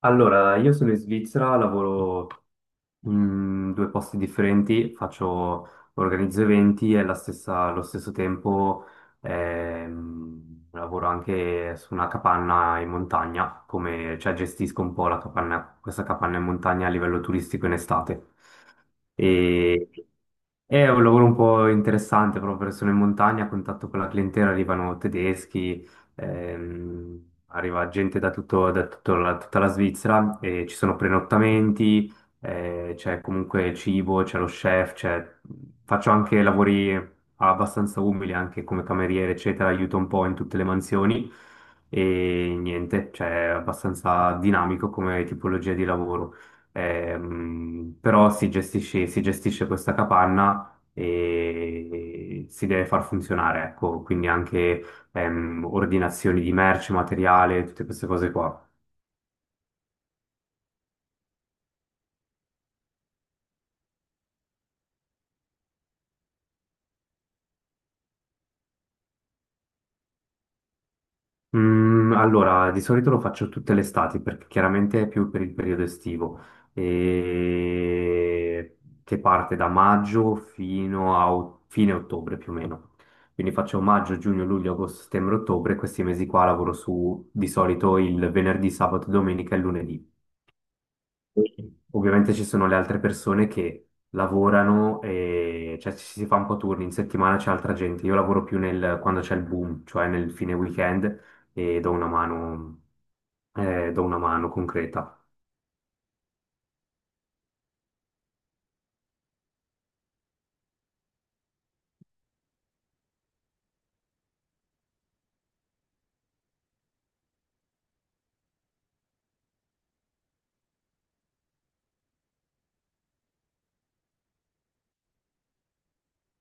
Allora, io sono in Svizzera, lavoro in due posti differenti, faccio, organizzo eventi e allo stesso tempo lavoro anche su una capanna in montagna, come, cioè gestisco un po' la capanna, questa capanna in montagna a livello turistico in estate. Mm. E è un lavoro un po' interessante proprio perché sono in montagna, a contatto con la clientela, arrivano tedeschi, ehm, arriva gente da, da tutta la Svizzera, e ci sono prenottamenti, c'è comunque cibo, c'è lo chef, c'è- faccio anche lavori abbastanza umili, anche come cameriere, eccetera, aiuto un po' in tutte le mansioni e niente, cioè è abbastanza dinamico come tipologia di lavoro. Però si gestisce questa capanna e si deve far funzionare, ecco, quindi anche ordinazioni di merce, materiale, tutte queste cose qua. Mm, allora, di solito lo faccio tutte le estati perché chiaramente è più per il periodo estivo, e... che parte da maggio fino a fine ottobre più o meno. Quindi faccio maggio, giugno, luglio, agosto, settembre, ottobre, questi mesi qua lavoro su di solito il venerdì, sabato, domenica e lunedì. E ovviamente ci sono le altre persone che lavorano e cioè, ci si fa un po' turni, in settimana c'è altra gente, io lavoro più nel, quando c'è il boom, cioè nel fine weekend e do una mano concreta.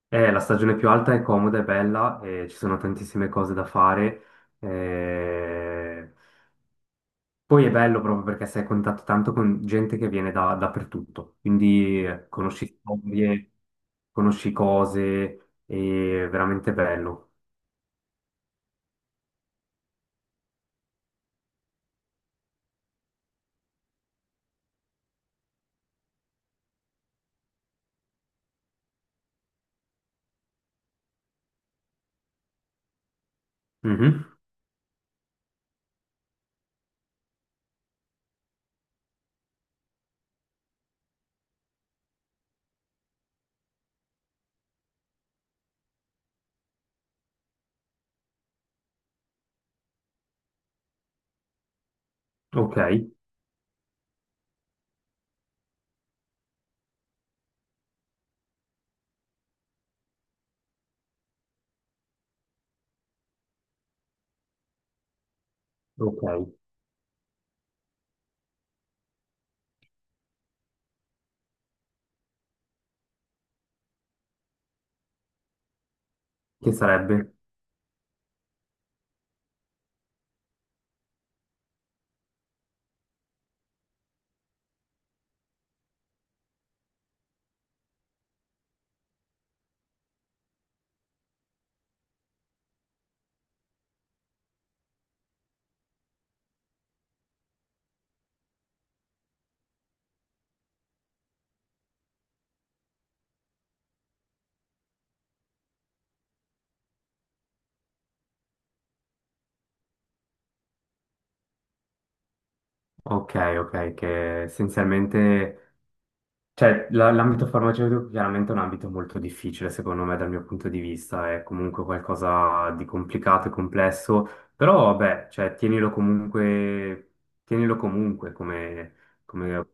La stagione più alta è comoda, è bella, ci sono tantissime cose da fare. Eh, poi è bello proprio perché sei a contatto tanto con gente che viene da, dappertutto, quindi conosci storie, conosci cose, è veramente bello. Mhm. Ok, ok, che sarebbe? Ok, ok, che essenzialmente, l'ambito farmaceutico chiaramente è un ambito molto difficile secondo me dal mio punto di vista, è comunque qualcosa di complicato e complesso, però vabbè, cioè tienilo comunque come, come...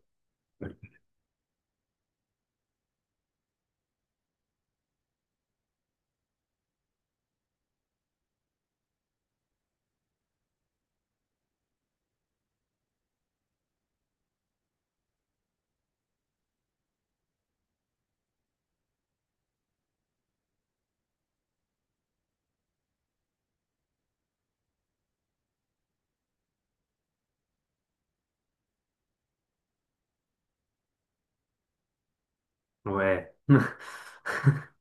Vabbè.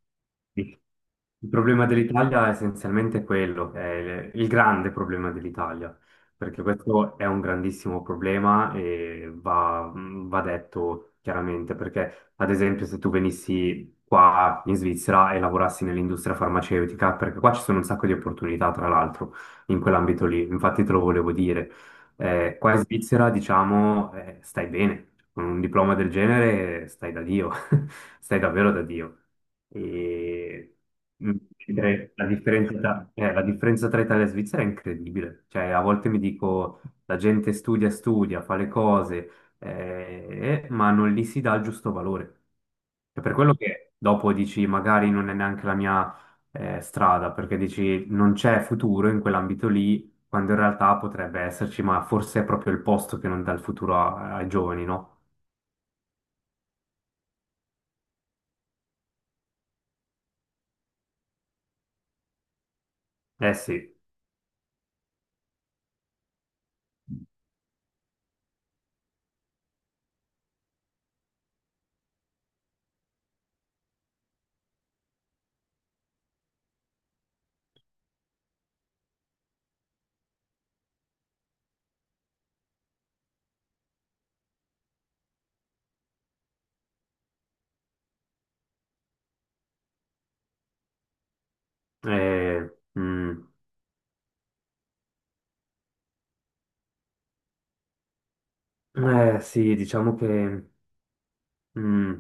Il problema dell'Italia è essenzialmente quello, è il grande problema dell'Italia, perché questo è un grandissimo problema e va detto chiaramente, perché ad esempio se tu venissi qua in Svizzera e lavorassi nell'industria farmaceutica, perché qua ci sono un sacco di opportunità tra l'altro in quell'ambito lì, infatti te lo volevo dire, qua in Svizzera diciamo stai bene, con un diploma del genere stai da Dio. Stai davvero da Dio. E mm, direi la differenza tra Italia e Svizzera è incredibile. Cioè, a volte mi dico, la gente studia, studia, fa le cose, ma non gli si dà il giusto valore. È per quello che dopo dici, magari non è neanche la mia, strada, perché dici, non c'è futuro in quell'ambito lì, quando in realtà potrebbe esserci, ma forse è proprio il posto che non dà il futuro ai giovani, no? Eh sì, eh, mm. Eh sì, diciamo che mm,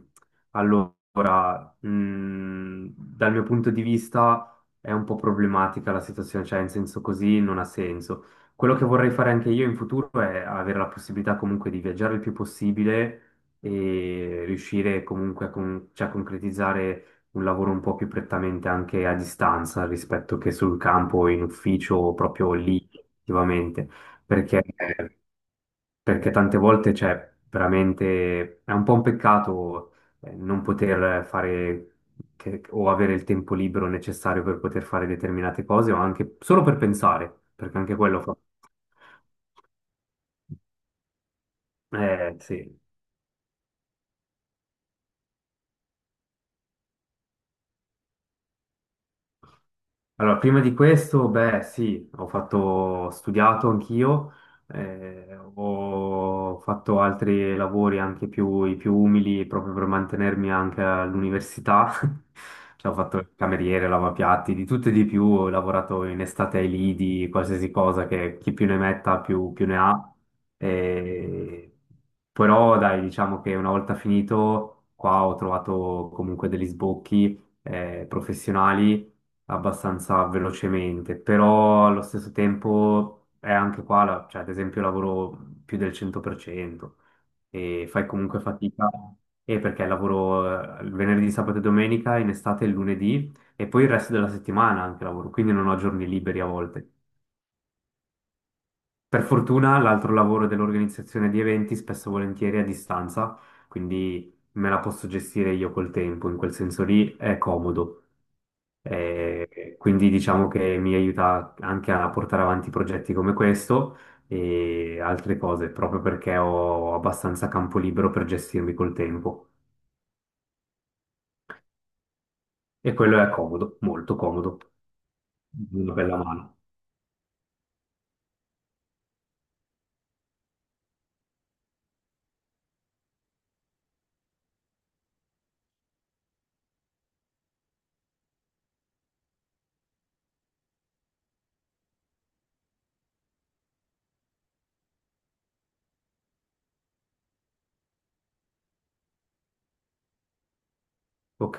allora, dal mio punto di vista è un po' problematica la situazione, cioè in senso così non ha senso. Quello che vorrei fare anche io in futuro è avere la possibilità comunque di viaggiare il più possibile e riuscire comunque a, cioè, a concretizzare un lavoro un po' più prettamente anche a distanza rispetto che sul campo, in ufficio o proprio lì, attivamente, perché perché tante volte, cioè, veramente è un po' un peccato non poter fare o avere il tempo libero necessario per poter fare determinate cose o anche solo per pensare, perché anche quello fa. Sì. Allora, prima di questo, beh, sì, ho fatto, ho studiato anch'io, ho fatto altri lavori anche più, i più umili proprio per mantenermi anche all'università. Cioè, ho fatto il cameriere, lavapiatti, di tutto e di più, ho lavorato in estate ai lidi, qualsiasi cosa che chi più ne metta più, più ne ha. Eh, però, dai, diciamo che una volta finito, qua ho trovato comunque degli sbocchi, professionali abbastanza velocemente, però allo stesso tempo è anche qua, cioè ad esempio lavoro più del 100% e fai comunque fatica, e perché lavoro il venerdì, sabato e domenica, in estate il lunedì e poi il resto della settimana anche lavoro, quindi non ho giorni liberi a volte. Per fortuna l'altro lavoro dell'organizzazione di eventi spesso e volentieri è a distanza, quindi me la posso gestire io col tempo, in quel senso lì è comodo. Quindi diciamo che mi aiuta anche a portare avanti progetti come questo e altre cose, proprio perché ho abbastanza campo libero per gestirmi col tempo. E quello è comodo, molto comodo, una bella mano. Ok?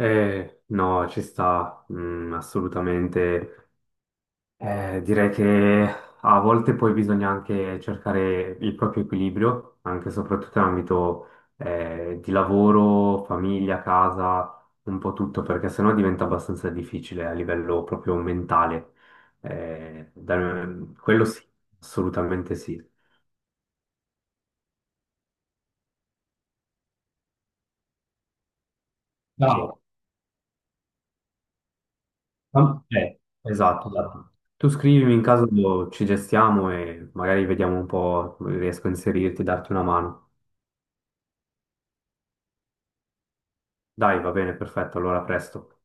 No, ci sta, mm, assolutamente. Direi che a volte poi bisogna anche cercare il proprio equilibrio, anche e soprattutto in ambito di lavoro, famiglia, casa, un po' tutto, perché sennò diventa abbastanza difficile a livello proprio mentale. Eh, da- quello sì, assolutamente sì. E- No, esatto, esatto. Tu scrivimi in caso ci gestiamo e magari vediamo un po', riesco a inserirti, darti una mano. Dai, va bene, perfetto, allora a presto.